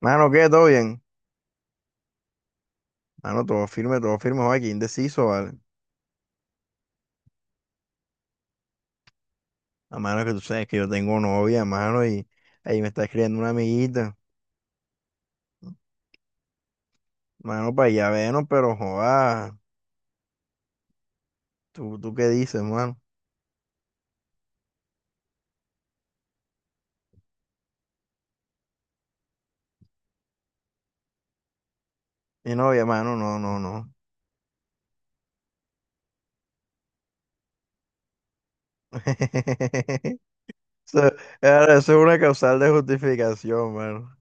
Mano, ¿qué? ¿Todo bien? Mano, todo firme, joder, qué indeciso, ¿vale? A mano que tú sabes que yo tengo novia, mano, y ahí me está escribiendo una amiguita. Mano, para allá vernos, pero joder, ¿tú qué dices, mano? Mi novia, mano, no, no, no. Eso, ahora, eso es una causal de justificación, mano.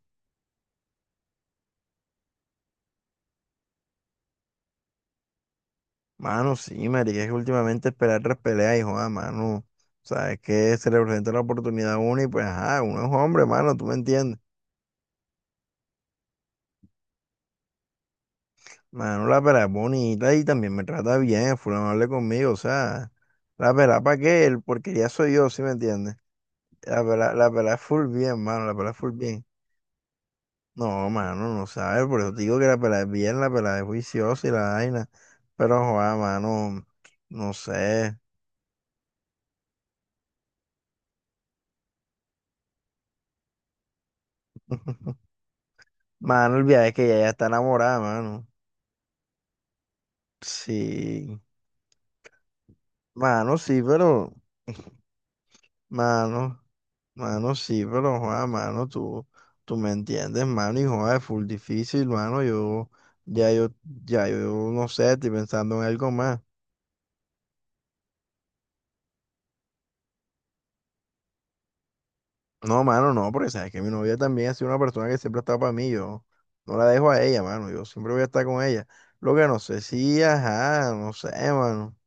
Mano, sí, marica, es que últimamente esperar tres peleas y joda, mano, sabes que se le presenta la oportunidad a uno y pues, ajá, uno es hombre, mano, tú me entiendes. Mano, la pera es bonita y también me trata bien, full amable conmigo, o sea, la pera para qué, el porquería soy yo, ¿sí me entiendes? La pera es full bien, mano, la pera es full bien. No, mano, no sabes, por eso te digo que la pera es bien, la pera es juiciosa y la vaina, pero joder, mano, no sé. Mano, el viaje es que ella ya está enamorada, mano. Sí, mano, sí, pero, mano. Mano, sí, pero, joda, mano, tú me entiendes, mano, y joda, es full difícil, mano, yo, ya yo, ya yo, no sé, estoy pensando en algo más. No, mano, no, porque sabes que mi novia también ha sido una persona que siempre ha estado para mí, yo no la dejo a ella, mano, yo siempre voy a estar con ella. Lo que no sé, sí, ajá, no sé, mano.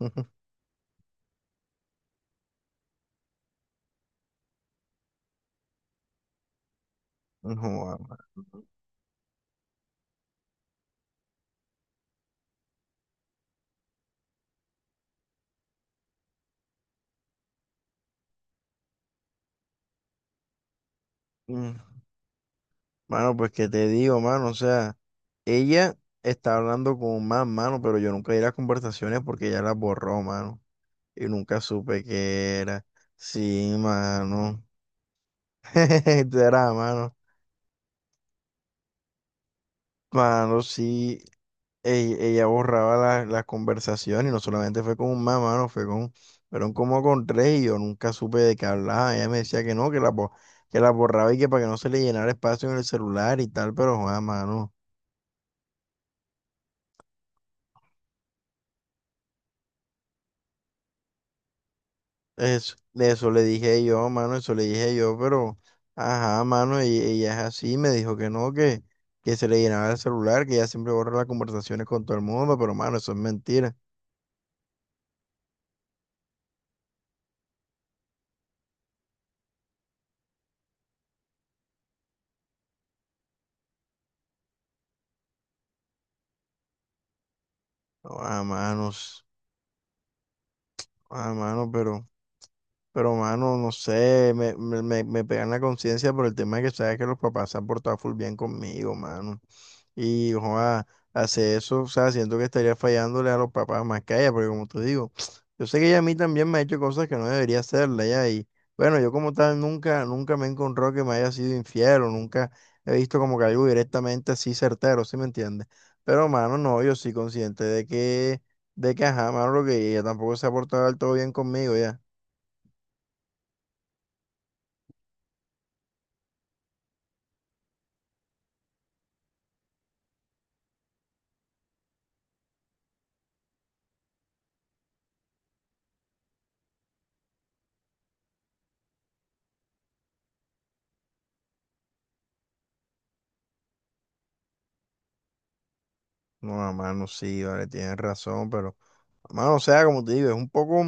Joda. Mm. Mano, pues qué te digo, mano, o sea, ella está hablando con más, mano, pero yo nunca di las conversaciones porque ella las borró, mano. Y nunca supe qué era. Sí, mano. Esto era, mano. Mano, sí. Ella borraba las conversaciones y no solamente fue con un más, mano, fueron como con tres y yo nunca supe de qué hablaba. Ella me decía que no, que la borraba y que para que no se le llenara espacio en el celular y tal, pero joder, mano. Eso, de eso le dije yo, mano, eso le dije yo, pero, ajá, mano, y ella es así, me dijo que no, que se le llenaba el celular, que ella siempre borra las conversaciones con todo el mundo, pero, mano, eso es mentira. No, ah, manos, ah, mano, pero, mano, no sé, me pegan la conciencia por el tema de que sabes que los papás se han portado full bien conmigo, mano. Y joa, hace eso, o sea, siento que estaría fallándole a los papás más que a ella, porque como te digo, yo sé que ella a mí también me ha hecho cosas que no debería hacerle ya, y bueno, yo como tal nunca, nunca me he encontrado que me haya sido infiel, o nunca he visto como que algo directamente así certero, ¿sí me entiendes? Pero mano, no, yo sí consciente de que ajá, mano, lo que ella tampoco se ha portado del todo bien conmigo ya. No, mano, sí, vale, tienes razón, pero. Mano, o sea, como te digo, es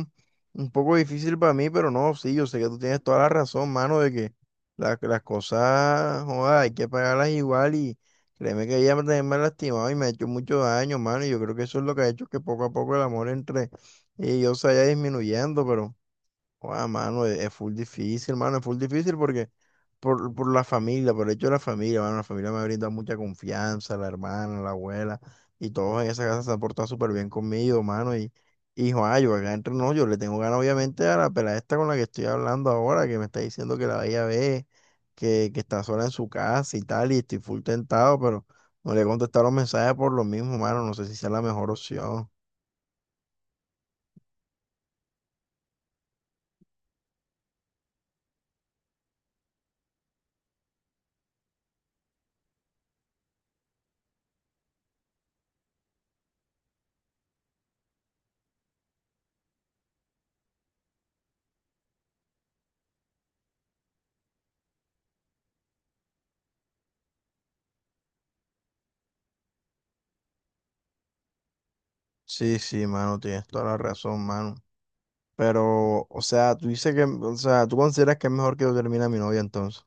un poco difícil para mí, pero no, sí, yo sé que tú tienes toda la razón, mano, de que las cosas, joda, hay que pagarlas igual y créeme que ella también me ha lastimado y me ha hecho mucho daño, mano, y yo creo que eso es lo que ha hecho que poco a poco el amor entre ellos se vaya disminuyendo, pero... Guau, mano, es full difícil, mano, es full difícil porque por la familia, por el hecho de la familia, mano, la familia me ha brindado mucha confianza, la hermana, la abuela, y todos en esa casa se han portado súper bien conmigo, mano, y joa, yo acá entre no, yo le tengo ganas obviamente a la pelada esta con la que estoy hablando ahora, que me está diciendo que la vaya a ver, que está sola en su casa y tal, y estoy full tentado, pero no le he contestado los mensajes por lo mismo, mano, no sé si sea la mejor opción. Sí, sí, mano, tienes toda la razón, mano. Pero, o sea, tú dices que, o sea, tú consideras que es mejor que yo termine a mi novia entonces.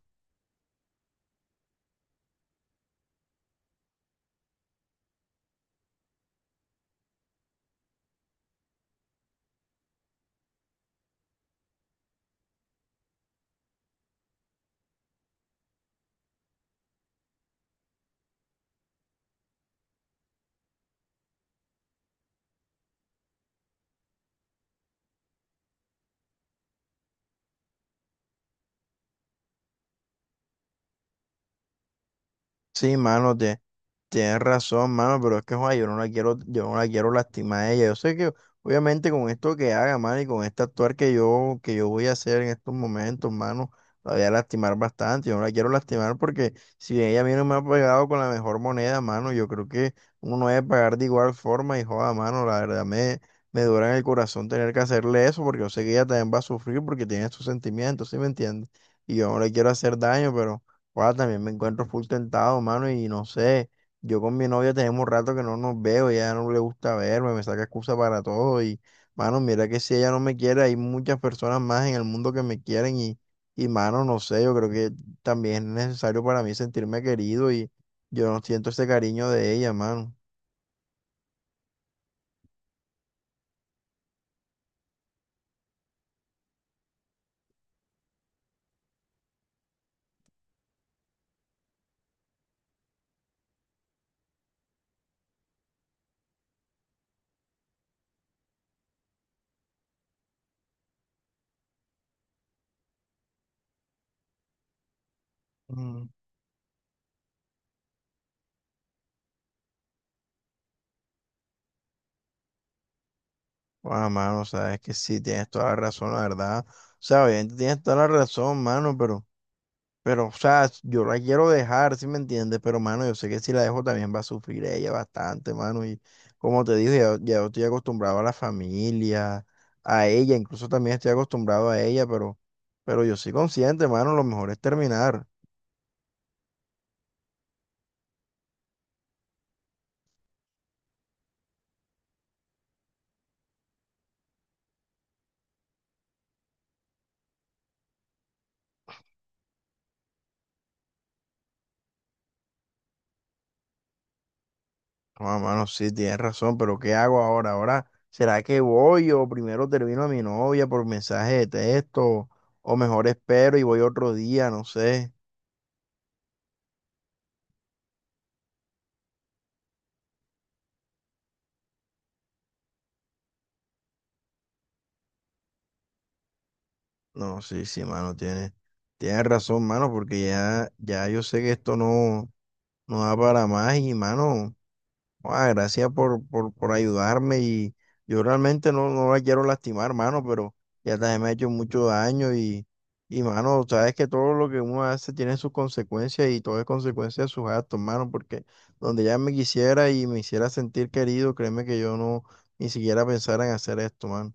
Sí, mano, te Tienes razón, mano, pero es que, joder, yo no la quiero, yo no la quiero lastimar a ella. Yo sé que, obviamente, con esto que haga, mano, y con este actuar que yo voy a hacer en estos momentos, mano, la voy a lastimar bastante. Yo no la quiero lastimar porque si ella a mí no me ha pagado con la mejor moneda, mano, yo creo que uno no debe pagar de igual forma y, joda, mano, la verdad me dura en el corazón tener que hacerle eso porque yo sé que ella también va a sufrir porque tiene sus sentimientos, ¿sí me entiendes? Y yo no le quiero hacer daño, pero, joda, también me encuentro full tentado, mano, y no sé. Yo con mi novia tenemos rato que no nos veo, ya no le gusta verme, me saca excusa para todo y, mano, mira que si ella no me quiere, hay muchas personas más en el mundo que me quieren y, mano, no sé, yo creo que también es necesario para mí sentirme querido y yo no siento ese cariño de ella, mano. Mm. Ah, mano, sabes que sí, tienes toda la razón, la verdad. O sea, obviamente tienes toda la razón, mano, pero... Pero, o sea, yo la quiero dejar, ¿si me entiendes? Pero, mano, yo sé que si la dejo también va a sufrir ella bastante, mano. Y como te dije, ya, ya estoy acostumbrado a la familia, a ella, incluso también estoy acostumbrado a ella, pero, yo soy consciente, mano, lo mejor es terminar. No, mano, sí, tienes razón, pero ¿qué hago ahora? Ahora, ¿será que voy o primero termino a mi novia por mensaje de texto? O mejor espero y voy otro día, no sé. No, sí, sí, mano, tiene razón, mano, porque ya, ya yo sé que esto no, no da para más y, mano, ah, gracias por ayudarme y yo realmente no, no la quiero lastimar, mano, pero ya también me ha hecho mucho daño y, mano, sabes que todo lo que uno hace tiene sus consecuencias y todo es consecuencia de sus actos, mano, porque donde ya me quisiera y me hiciera sentir querido, créeme que yo no ni siquiera pensara en hacer esto, mano.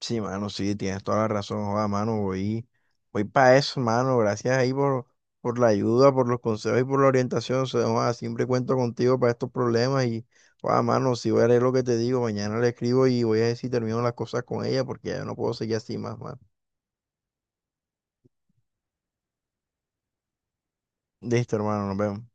Sí, mano, sí, tienes toda la razón, joda, mano, voy para eso, mano, gracias ahí por la ayuda, por los consejos y por la orientación, o sea, joda, siempre cuento contigo para estos problemas y, joda, mano, si voy a leer lo que te digo, mañana le escribo y voy a ver si termino las cosas con ella porque ya no puedo seguir así más, mano. Listo, hermano, nos vemos.